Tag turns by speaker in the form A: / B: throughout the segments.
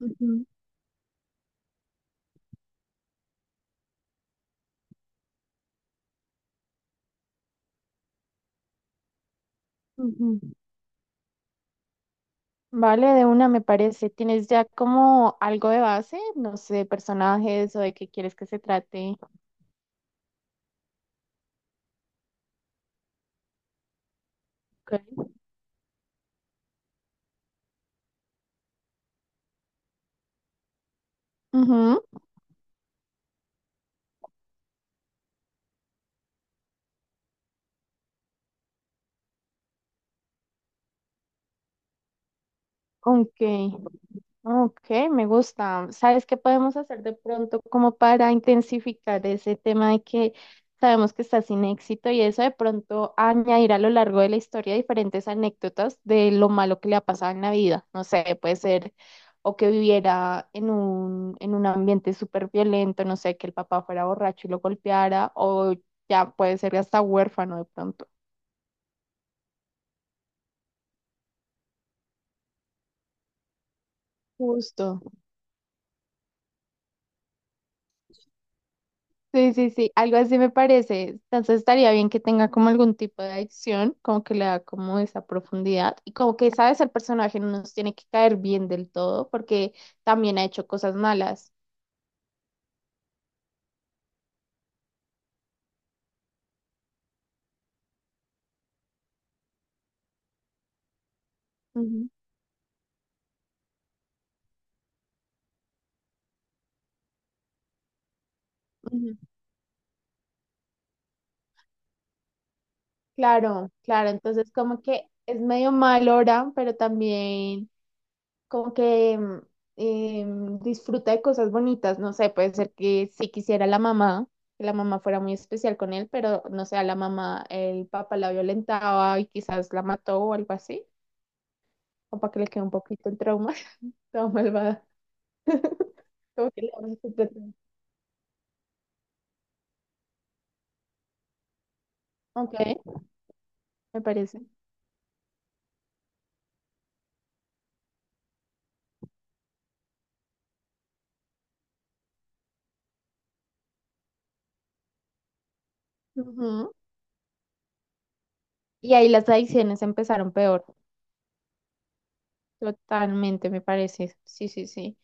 A: Ujú, ujú. Vale, de una me parece. ¿Tienes ya como algo de base? No sé, personajes o de qué quieres que se trate. Ok. Ujú, ok. Ok, me gusta. ¿Sabes qué podemos hacer de pronto como para intensificar ese tema de que sabemos que está sin éxito y eso de pronto añadir a lo largo de la historia diferentes anécdotas de lo malo que le ha pasado en la vida? No sé, puede ser o que viviera en un ambiente súper violento, no sé, que el papá fuera borracho y lo golpeara, o ya puede ser hasta huérfano de pronto. Justo. Sí, sí, sí, algo así me parece. Entonces estaría bien que tenga como algún tipo de acción, como que le da como esa profundidad y como que, sabes, el personaje no nos tiene que caer bien del todo porque también ha hecho cosas malas. Ujú, ujú. Claro, claro, entonces como que es medio mal ahora, pero también, como que eh, disfruta de cosas bonitas, no sé, puede ser que si quisiera la mamá, que la mamá fuera muy especial con él, pero no sé, a la mamá, el papá la violentaba y quizás la mató o algo así, o para que le quede un poquito el trauma, toda malvada. Como que le da un poquito de trauma. Ok, me parece. Ujú. Y ahí las adicciones empezaron peor. Totalmente, me parece. Sí, sí, sí.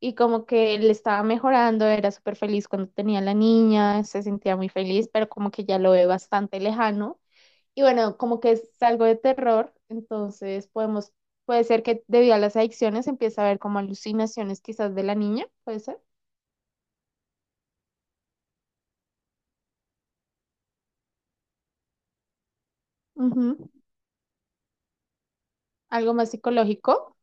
A: Y como que le estaba mejorando, era súper feliz cuando tenía la niña, se sentía muy feliz, pero como que ya lo ve bastante lejano. Y bueno, como que es algo de terror, entonces podemos, puede ser que debido a las adicciones empiece a ver como alucinaciones quizás de la niña, puede ser. Ujú. Algo más psicológico.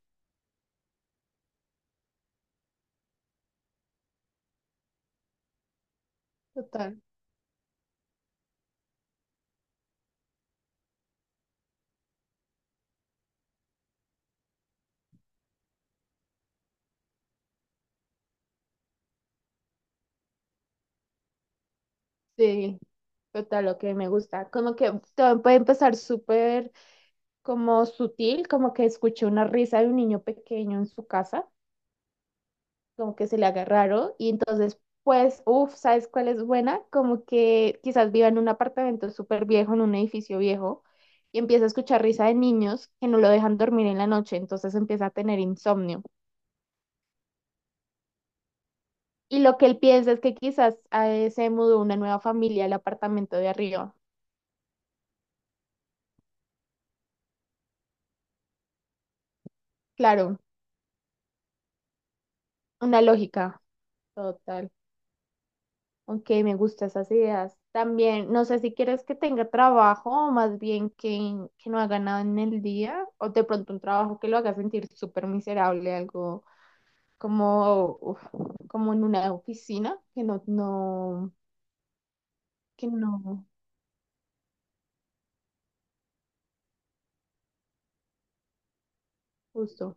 A: Total. Sí, total, lo que me gusta. Como que todo puede empezar súper como sutil, como que escuché una risa de un niño pequeño en su casa, como que se le agarraron y entonces, pues, uff, ¿sabes cuál es buena? Como que quizás viva en un apartamento súper viejo, en un edificio viejo, y empieza a escuchar risa de niños que no lo dejan dormir en la noche, entonces empieza a tener insomnio. Y lo que él piensa es que quizás se mudó una nueva familia al apartamento de arriba. Claro, una lógica total. Ok, me gustan esas ideas. También, no sé si quieres que tenga trabajo o más bien que no haga nada en el día o de pronto un trabajo que lo haga sentir súper miserable, algo como, uf, como en una oficina, que no, justo.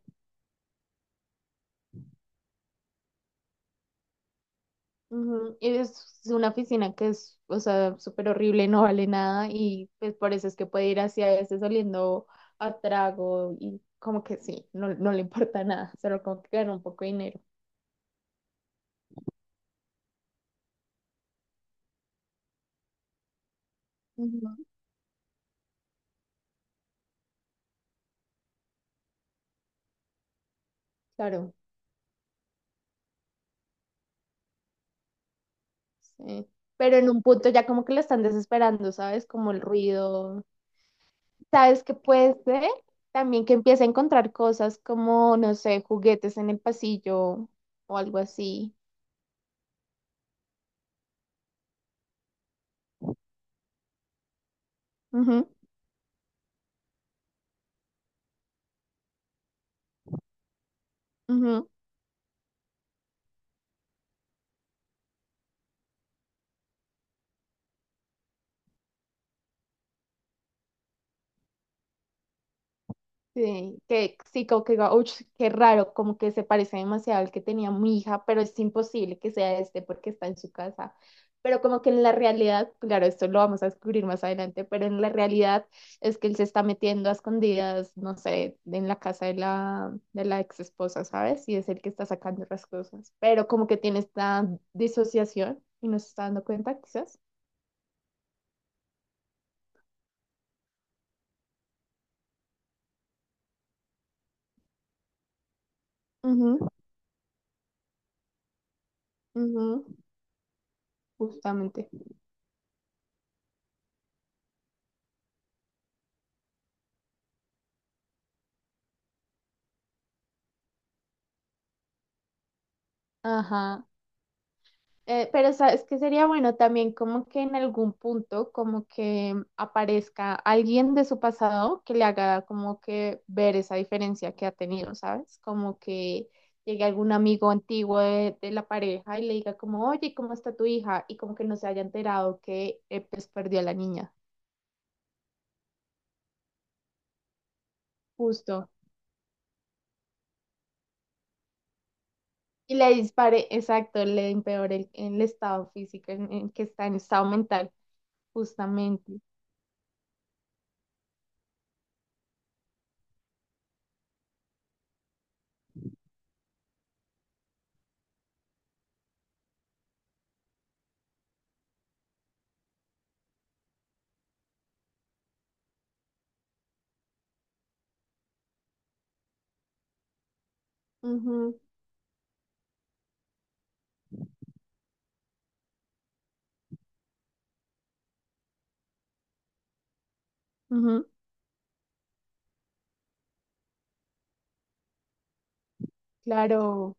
A: Ujú, y es una oficina que es, o sea, súper horrible, no vale nada y pues por eso es que puede ir así a veces oliendo a trago y como que sí, no le importa nada, solo como que gana un poco de dinero. Claro, sí. Pero en un punto ya como que lo están desesperando, ¿sabes? Como el ruido. ¿Sabes qué puede ser? También que empiece a encontrar cosas como, no sé, juguetes en el pasillo o algo así. Ujú, ujú. Sí, que sí, como que digo, "Ush, qué raro, como que se parece demasiado al que tenía mi hija, pero es imposible que sea este porque está en su casa". Pero como que en la realidad, claro, esto lo vamos a descubrir más adelante, pero en la realidad es que él se está metiendo a escondidas, no sé, en la casa de la ex esposa, ¿sabes? Y es el que está sacando las cosas. Pero como que tiene esta disociación y no se está dando cuenta, quizás. Ujú, ujú, justamente. Ajá. Pero sabes que sería bueno también como que en algún punto como que aparezca alguien de su pasado que le haga como que ver esa diferencia que ha tenido, ¿sabes? Como que llegue algún amigo antiguo de la pareja y le diga como, oye, ¿cómo está tu hija? Y como que no se haya enterado que pues perdió a la niña, justo. Y le dispare, exacto, le empeore el estado físico en que está, en estado mental, justamente. Ujú, ujú, claro.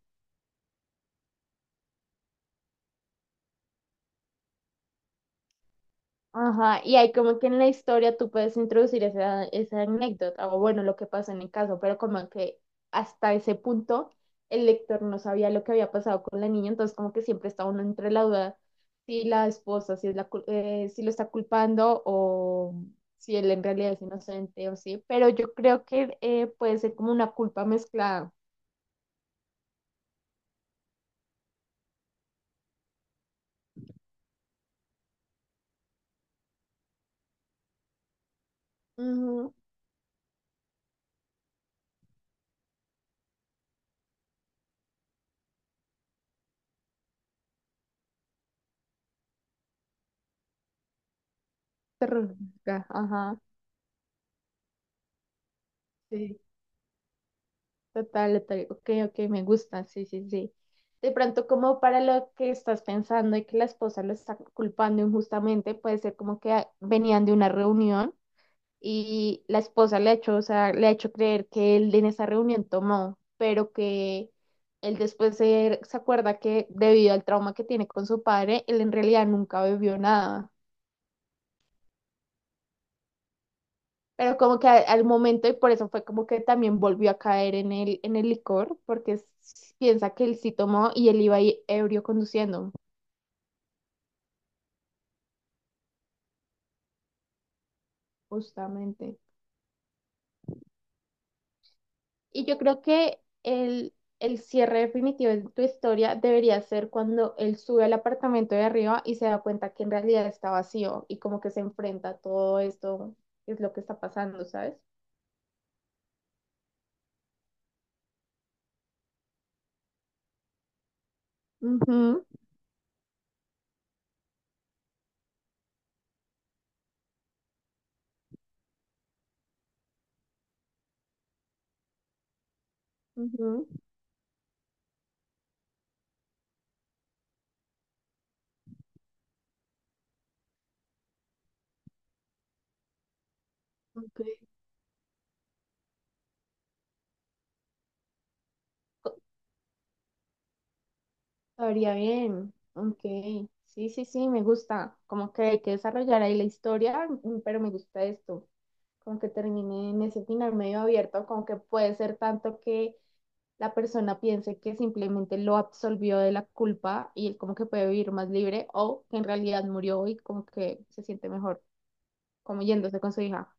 A: Ajá, y hay como que en la historia tú puedes introducir esa, esa anécdota o bueno, lo que pasó en el caso, pero como que hasta ese punto el lector no sabía lo que había pasado con la niña, entonces como que siempre está uno entre la duda si la esposa, si es la, cul- si lo está culpando o si él en realidad es inocente o sí, pero yo creo que puede ser como una culpa mezclada. Ujú, terrorífica, ajá. Total, total. Ok, ok, me gusta, sí, sí, sí. De pronto, como para lo que estás pensando y que la esposa lo está culpando injustamente, puede ser como que ah, venían de una reunión y la esposa le ha hecho, o sea, le ha hecho creer que él en esa reunión tomó, pero que él después se acuerda que debido al trauma que tiene con su padre, él en realidad nunca bebió nada. Pero como que a- al momento, y por eso fue como que también volvió a caer en el licor, porque s- piensa que él sí tomó y él iba ahí ebrio conduciendo, justamente. Y yo creo que el cierre definitivo de tu historia debería ser cuando él sube al apartamento de arriba y se da cuenta que en realidad está vacío y como que se enfrenta a todo esto, que es lo que está pasando, ¿sabes? Ujú, ujú. Ok. Estaría bien. Ok. Sí, sí, sí, me gusta. Como que hay que desarrollar ahí la historia, mm, pero me gusta esto. Como que termine en ese final medio abierto, como que puede ser tanto que la persona piense que simplemente lo absolvió de la culpa y él como que puede vivir más libre, o que en realidad murió y como que se siente mejor, como yéndose con su hija.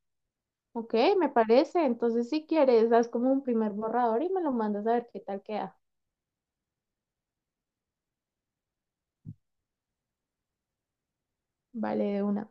A: Ok, me parece. Entonces, si quieres, das como un primer borrador y me lo mandas a ver qué tal queda. Vale, de una.